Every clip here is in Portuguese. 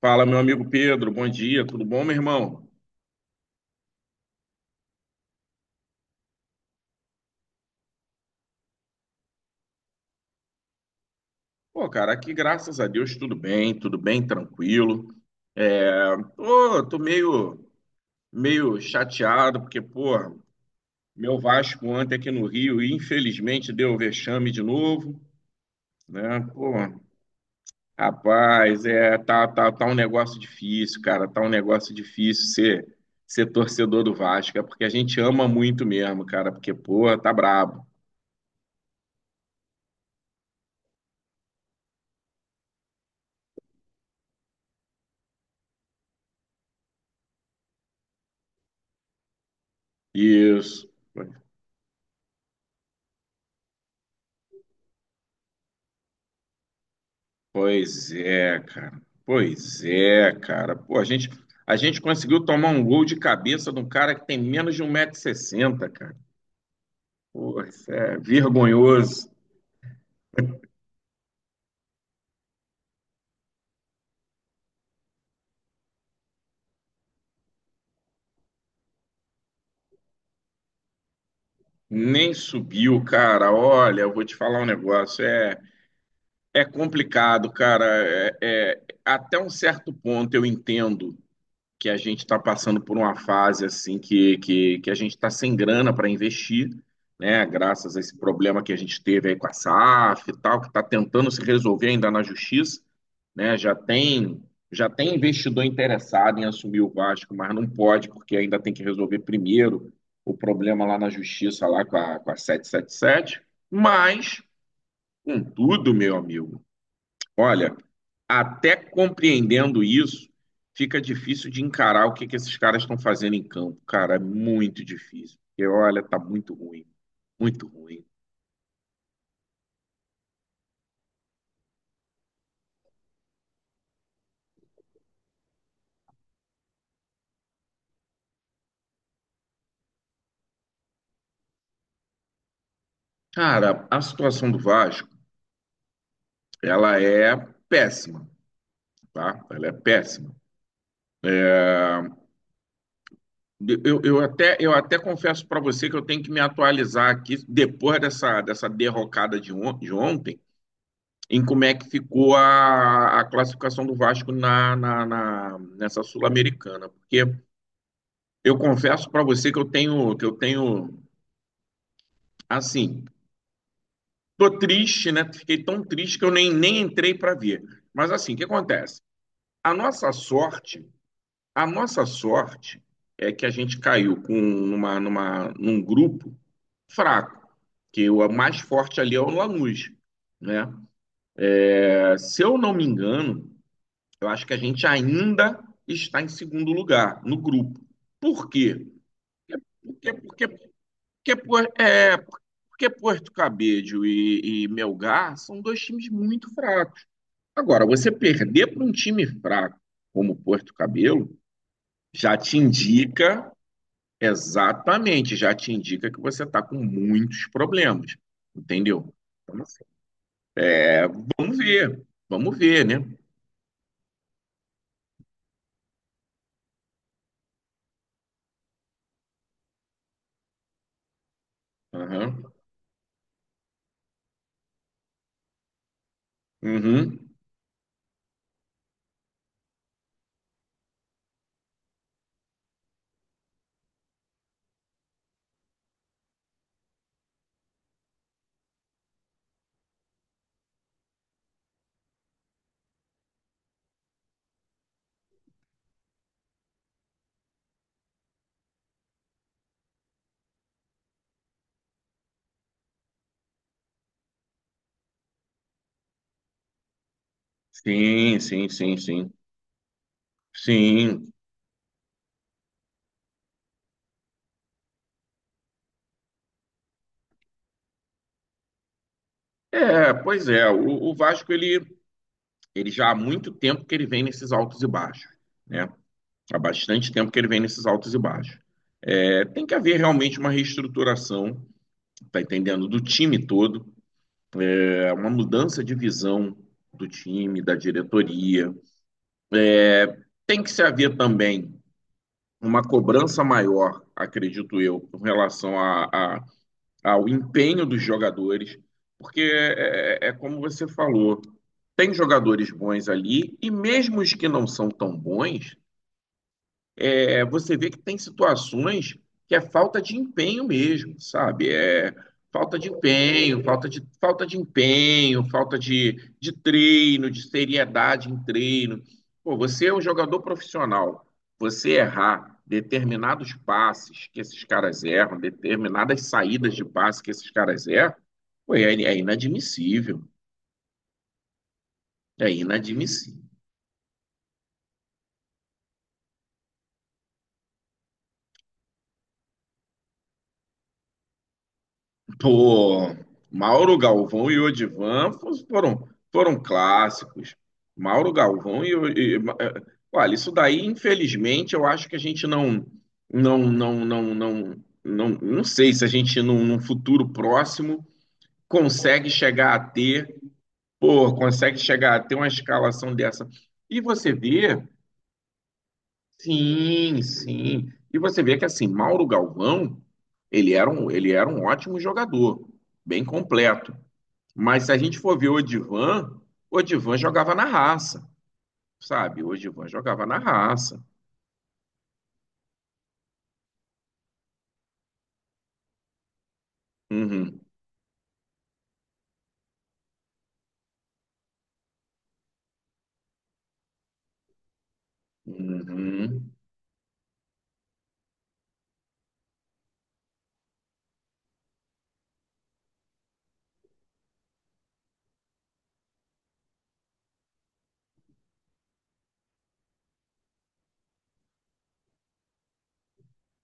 Fala, meu amigo Pedro, bom dia, tudo bom, meu irmão? Pô, cara, aqui graças a Deus tudo bem, tranquilo. Tô meio chateado porque, pô, meu Vasco ontem aqui no Rio, infelizmente deu vexame de novo, né? Pô, rapaz, tá um negócio difícil, cara, tá um negócio difícil ser torcedor do Vasco, é porque a gente ama muito mesmo, cara, porque, pô, tá brabo. Isso. Pois é, cara. Pois é, cara. Pô, a gente conseguiu tomar um gol de cabeça de um cara que tem menos de um 160 60, cara. Pô, isso é vergonhoso. Nem subiu, cara. Olha, eu vou te falar um negócio. É complicado, cara. Até um certo ponto eu entendo que a gente está passando por uma fase assim que a gente está sem grana para investir, né? Graças a esse problema que a gente teve aí com a SAF e tal, que está tentando se resolver ainda na justiça, né? Já tem investidor interessado em assumir o Vasco, mas não pode porque ainda tem que resolver primeiro o problema lá na justiça lá com a 777. Mas, contudo, meu amigo, olha, até compreendendo isso, fica difícil de encarar o que que esses caras estão fazendo em campo. Cara, é muito difícil. Porque, olha, tá muito ruim. Muito ruim. Cara, a situação do Vasco, ela é péssima, tá? Ela é péssima. Eu até confesso para você que eu tenho que me atualizar aqui, depois dessa derrocada de ontem, em como é que ficou a classificação do Vasco nessa Sul-Americana. Porque eu confesso para você que eu tenho, assim, tô triste, né? Fiquei tão triste que eu nem entrei para ver. Mas assim, o que acontece? A nossa sorte, a nossa sorte é que a gente caiu num grupo fraco, que o mais forte ali é o Lanús, né? Se eu não me engano, eu acho que a gente ainda está em segundo lugar no grupo. Por quê? Porque, porque Porque, Por- é, porque Porto Cabedelo e Melgar são dois times muito fracos. Agora, você perder para um time fraco como Porto Cabedelo já te indica, exatamente, já te indica que você está com muitos problemas, entendeu? Então, assim, vamos ver, vamos ver, né? Aham. Uhum. Sim, sim, sim, sim. Sim. Pois é, o Vasco, ele já há muito tempo que ele vem nesses altos e baixos, né? Há bastante tempo que ele vem nesses altos e baixos. Tem que haver realmente uma reestruturação, tá entendendo, do time todo, uma mudança de visão do time, da diretoria. Tem que se haver também uma cobrança maior, acredito eu, com relação a, ao empenho dos jogadores, porque é como você falou, tem jogadores bons ali, e mesmo os que não são tão bons, você vê que tem situações que é falta de empenho mesmo, sabe? É falta de empenho, falta de empenho, falta de treino, de seriedade em treino. Pô, você é um jogador profissional. Você errar determinados passes que esses caras erram, determinadas saídas de passe que esses caras erram, pô, é inadmissível. É inadmissível. Pô, Mauro Galvão e Odivan foram clássicos. Mauro Galvão olha, isso daí, infelizmente, eu acho que a gente não, não, não, não, não sei se a gente num futuro próximo consegue chegar a ter, pô, consegue chegar a ter uma escalação dessa. E você vê, sim, sim. E você vê que assim, Mauro Galvão, ele era um ótimo jogador, bem completo. Mas se a gente for ver o Odivan jogava na raça, sabe? O Odivan jogava na raça. Uhum, uhum,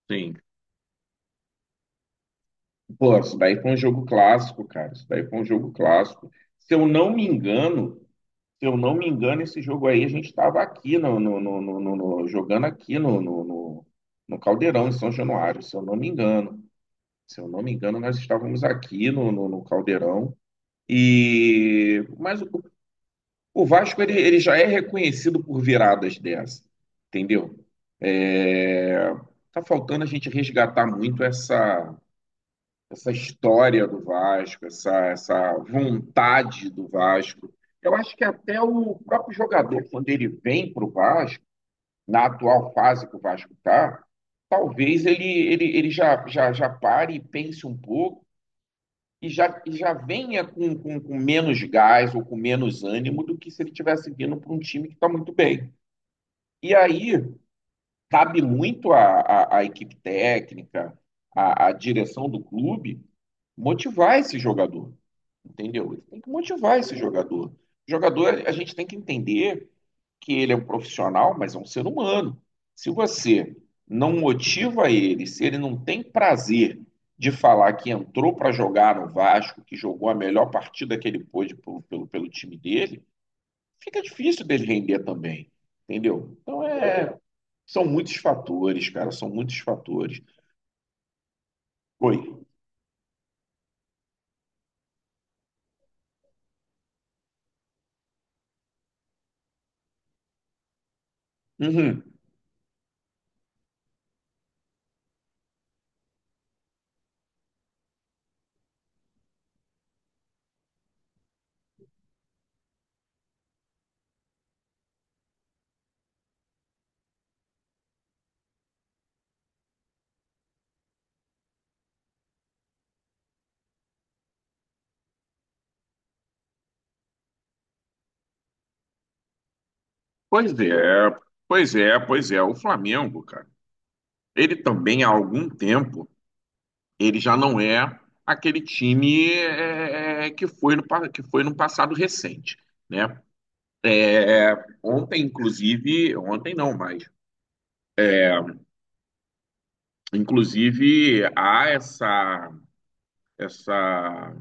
sim. Pô, isso daí foi um jogo clássico, cara. Isso daí foi um jogo clássico. Se eu não me engano, se eu não me engano, esse jogo aí a gente estava aqui jogando aqui no Caldeirão, em São Januário, se eu não me engano. Se eu não me engano, nós estávamos aqui no Caldeirão. E mas o O Vasco ele já é reconhecido por viradas dessa, entendeu? É, tá faltando a gente resgatar muito essa história do Vasco, essa vontade do Vasco. Eu acho que até o próprio jogador, quando ele vem para o Vasco, na atual fase que o Vasco está, talvez ele já pare e pense um pouco e já venha com menos gás ou com menos ânimo do que se ele tivesse vindo para um time que está muito bem. E aí cabe muito à equipe técnica, à direção do clube, motivar esse jogador, entendeu? Tem que motivar esse jogador. O jogador, a gente tem que entender que ele é um profissional, mas é um ser humano. Se você não motiva ele, se ele não tem prazer de falar que entrou para jogar no Vasco, que jogou a melhor partida que ele pôde pelo time dele, fica difícil dele render também, entendeu? Então são muitos fatores, cara, são muitos fatores. Oi. Uhum. Pois é, pois é, pois é. O Flamengo, cara. Ele também, há algum tempo, ele já não é aquele time que foi no passado recente, né? É, Ontem, inclusive, ontem não, mas inclusive essa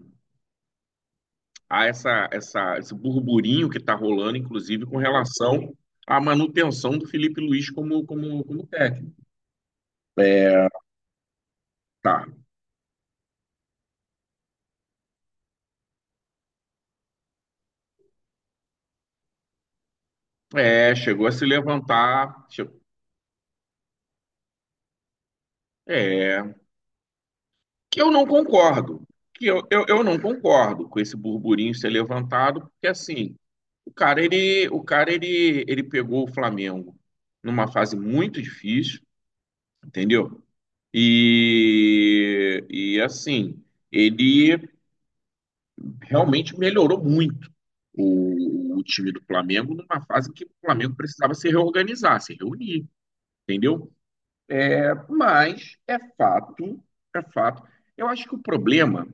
há essa, essa esse burburinho que está rolando, inclusive, com relação à manutenção do Felipe Luiz como técnico. Tá. Chegou a se levantar, chegou, que eu não concordo, que eu não concordo com esse burburinho ser levantado, porque assim, o cara ele pegou o Flamengo numa fase muito difícil, entendeu? E assim, ele realmente melhorou muito o time do Flamengo numa fase em que o Flamengo precisava se reorganizar, se reunir, entendeu? Mas é fato, é fato. Eu acho que o problema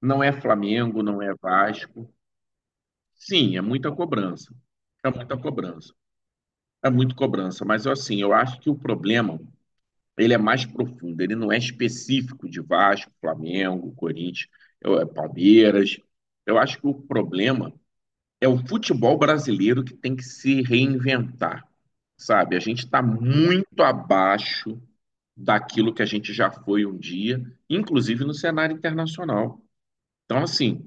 não é Flamengo, não é Vasco. Sim, é muita cobrança. É muita cobrança. É muito cobrança, mas assim, eu acho que o problema, ele é mais profundo, ele não é específico de Vasco, Flamengo, Corinthians, é Palmeiras. Eu acho que o problema é o futebol brasileiro que tem que se reinventar, sabe? A gente está muito abaixo daquilo que a gente já foi um dia, inclusive no cenário internacional. Então, assim,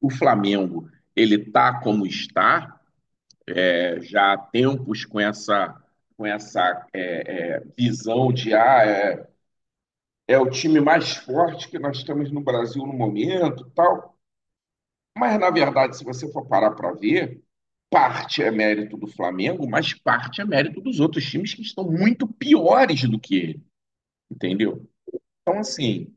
o Flamengo, ele está como está, já há tempos com essa visão de é o time mais forte que nós temos no Brasil no momento, tal. Mas, na verdade, se você for parar para ver, parte é mérito do Flamengo, mas parte é mérito dos outros times que estão muito piores do que ele, entendeu? Então, assim,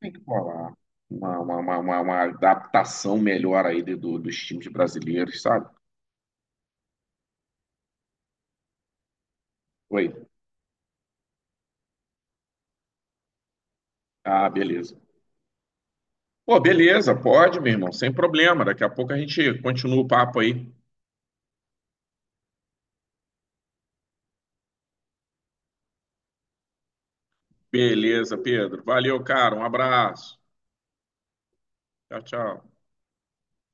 tem que rolar uma adaptação melhor aí dos times brasileiros, sabe? Oi. Ah, beleza. Pô, beleza, pode, meu irmão, sem problema. Daqui a pouco a gente continua o papo aí. Beleza, Pedro. Valeu, cara. Um abraço. Tchau, tchau.